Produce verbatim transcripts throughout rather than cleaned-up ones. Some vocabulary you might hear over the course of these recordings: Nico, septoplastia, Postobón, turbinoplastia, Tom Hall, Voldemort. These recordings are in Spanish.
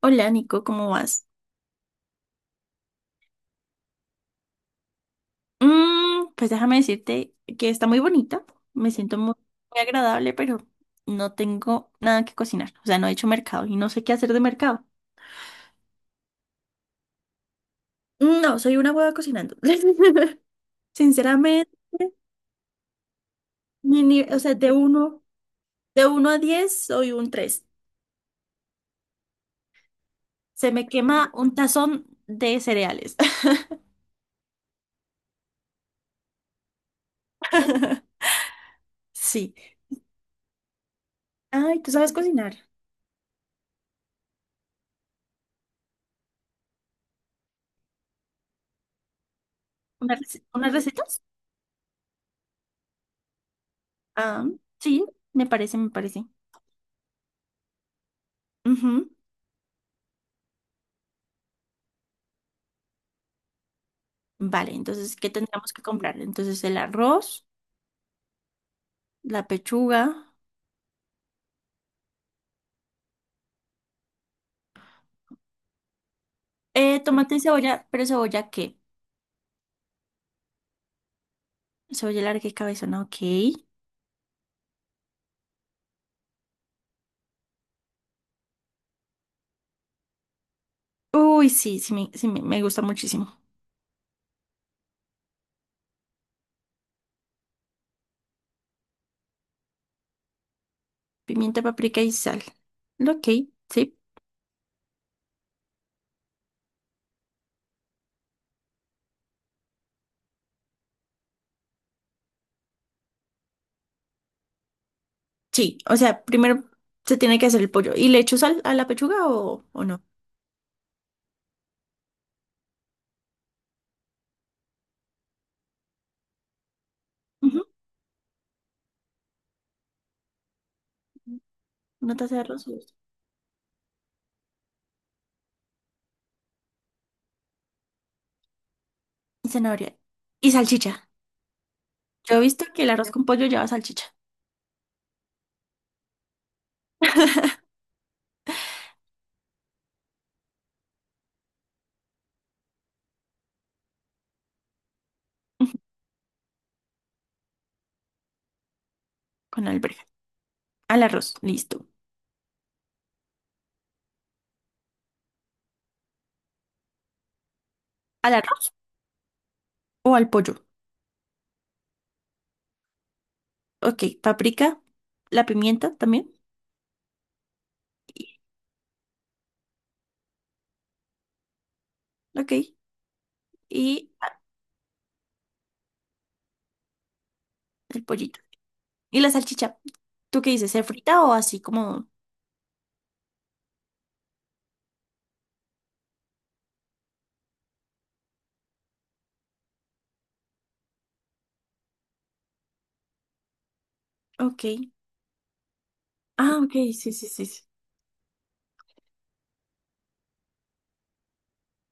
Hola, Nico, ¿cómo vas? Mm, pues déjame decirte que está muy bonita, me siento muy, muy agradable, pero no tengo nada que cocinar, o sea, no he hecho mercado y no sé qué hacer de mercado. No, soy una hueva cocinando. Sinceramente, mi ni- o sea, de uno, de uno a diez, soy un tres. Se me quema un tazón de cereales. Sí. Ay, ¿tú sabes cocinar? ¿Una rece- ¿Unas recetas? Ah, sí, me parece, me parece. Ujú. Vale, entonces, ¿qué tendríamos que comprar? Entonces, el arroz, la pechuga, eh, tomate y cebolla, pero ¿cebolla qué? Cebolla larga y cabezona, ok. Uy, sí, sí, me, sí me, me gusta muchísimo. Pimienta, paprika y sal. Ok, sí. Sí, o sea, primero se tiene que hacer el pollo. ¿Y le echo sal a la pechuga o, o no? Ujú. Una taza de arroz y zanahoria. Y salchicha. Yo he visto que el arroz con pollo lleva salchicha con alberga. Al arroz, listo. ¿Al arroz o al pollo? Ok, paprika, la pimienta también. y- Ok, y el pollito. Y la salchicha. ¿Tú qué dices? ¿Se frita o así como...? Ok. Ah, ok, sí, sí, sí, sí.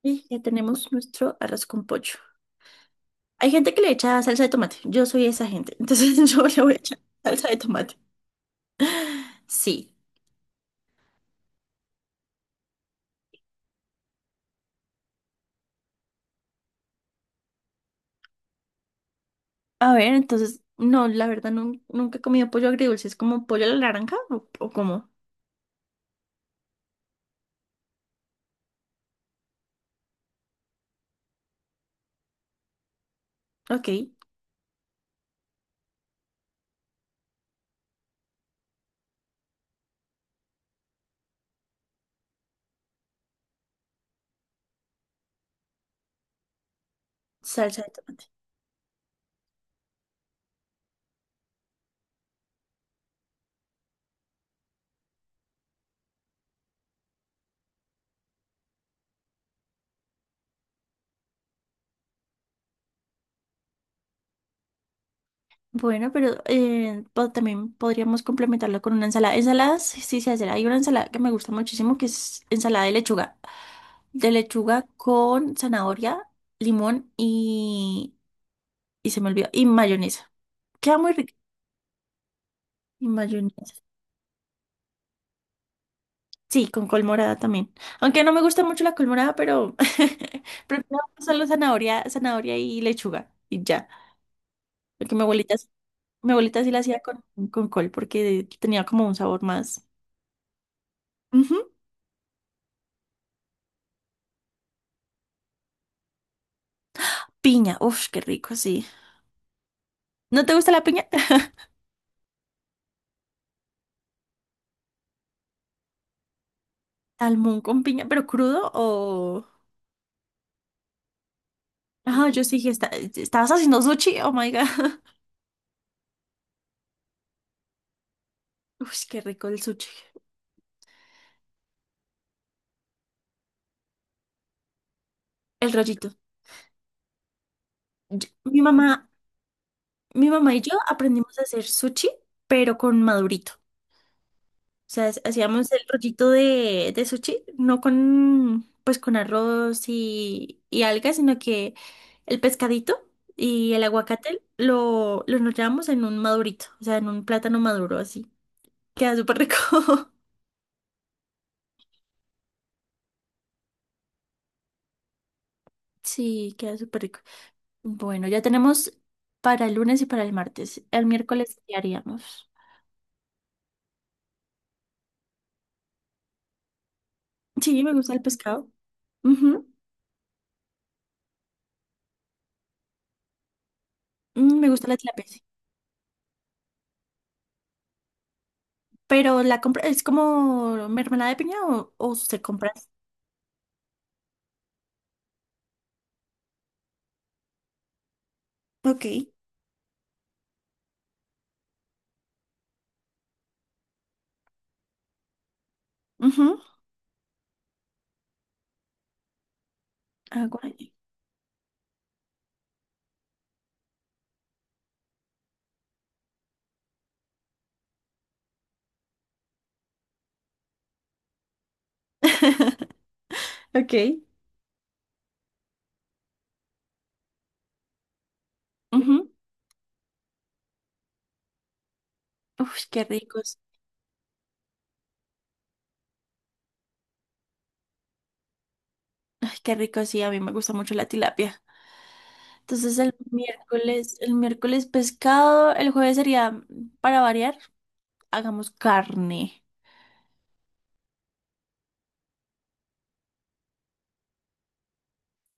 Y ya tenemos nuestro arroz con pollo. Hay gente que le echa salsa de tomate. Yo soy esa gente. Entonces yo le voy a echar salsa de tomate. Sí. A ver, entonces, no, la verdad nun- nunca he comido pollo agridulce. ¿Es como pollo a la naranja o, o cómo? Ok, salsa de tomate. Bueno, pero eh, po- también podríamos complementarlo con una ensalada. Ensaladas, sí sí se hace. Hay una ensalada que me gusta muchísimo, que es ensalada de lechuga. De lechuga con zanahoria, limón y, y se me olvidó, y mayonesa. Queda muy rica. Y mayonesa. Sí, con col morada también. Aunque no me gusta mucho la col morada, pero prefiero solo zanahoria, zanahoria y lechuga. Y ya. Porque mi abuelita, mi abuelita sí la hacía con, con col porque tenía como un sabor más. Piña, uf, qué rico, sí. ¿No te gusta la piña? Salmón con piña, pero ¿crudo o...? Ajá, yo sí que está... ¿Estabas haciendo sushi? Oh my God. Uf, qué rico el sushi. El rollito. Yo- mi mamá, mi mamá y yo aprendimos a hacer sushi, pero con madurito. O sea, hacíamos el rollito de, de sushi, no con, pues con arroz y, y algas, sino que el pescadito y el aguacate lo, lo enrollábamos en un madurito, o sea, en un plátano maduro así. Queda súper rico. Sí, queda súper rico. Bueno, ya tenemos para el lunes y para el martes. El miércoles, ¿qué haríamos? Sí, me gusta el pescado. Ujú, mm, me gusta la tilapia. Sí. Pero ¿la compra es como mermelada de piña o, o se compra? Ok. Ujú, agua. Ok. Ujú. Uf, qué ricos. Ay, qué rico, sí, a mí me gusta mucho la tilapia. Entonces el miércoles, el miércoles pescado, el jueves sería, para variar, hagamos carne.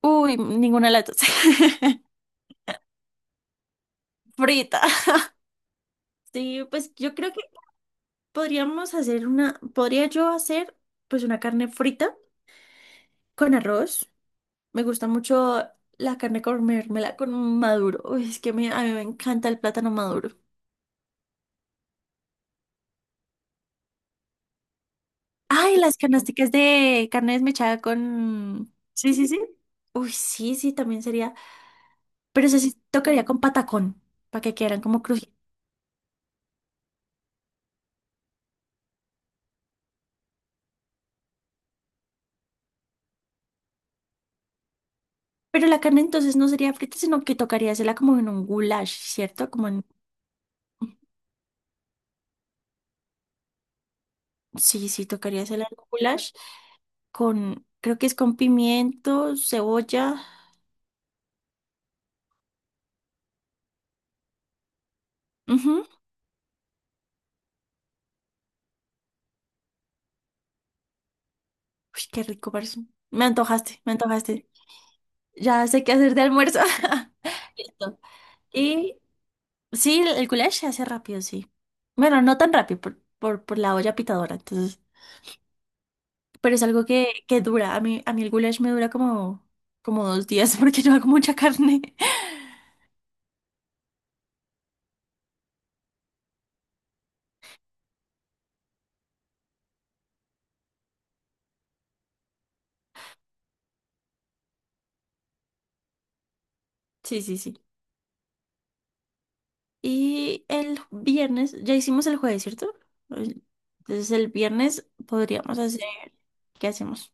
Uy, ninguna de las dos. Frita. Sí, pues yo creo que podríamos hacer una, podría yo hacer pues una carne frita con arroz. Me gusta mucho la carne comérmela con maduro. Uy, es que me- a mí me encanta el plátano maduro. Ay, las canasticas de carne desmechada con... Sí, sí, sí. Uy, sí, sí, también sería. Pero eso sí tocaría con patacón, para que quedaran como crujientes. Pero la carne entonces no sería frita, sino que tocaría hacerla como en un goulash, ¿cierto? Como en sí, sí, tocaría hacer el goulash con, creo que es con pimiento, cebolla. Ujú. Uy, qué rico parece. Me antojaste, me antojaste. Ya sé qué hacer de almuerzo. Listo. Y sí, el el goulash se hace rápido, sí. Bueno, no tan rápido por, por, por la olla pitadora, entonces. Pero es algo que, que dura. A mí, a mí el goulash me dura como, como dos días porque yo hago mucha carne. Sí, sí, sí. Y el viernes, ya hicimos el jueves, ¿cierto? El- Entonces el viernes podríamos hacer, ¿qué hacemos?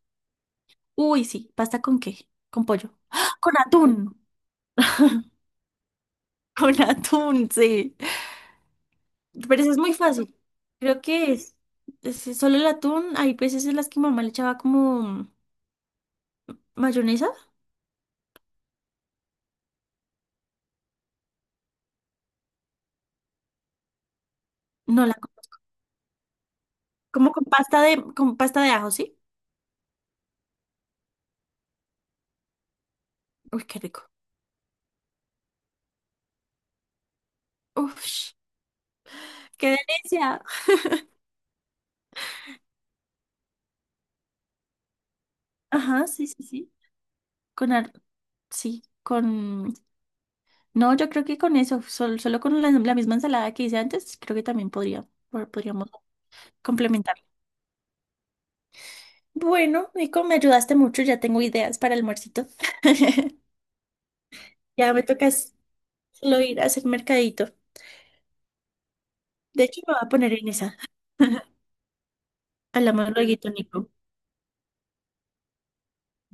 Uy, sí, ¿pasta con qué? ¿Con pollo? ¡Ah! Con atún. Con atún, sí. Pero eso es muy fácil. Creo que es, es solo el atún. Hay veces en las que mamá le echaba como mayonesa. No, la, ¿como con pasta de, con pasta de ajo, sí? Uy, qué rico. Uf, qué delicia. Ajá, sí, sí, sí. Con, ar- sí, con no, yo creo que con eso, sol- solo con la, la misma ensalada que hice antes, creo que también podría, po- podríamos complementar. Bueno, Nico, me ayudaste mucho, ya tengo ideas para el almuercito. Ya me toca es solo ir a hacer mercadito. De hecho, me voy a poner en esa. Hablamos luego, Nico.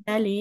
Dale.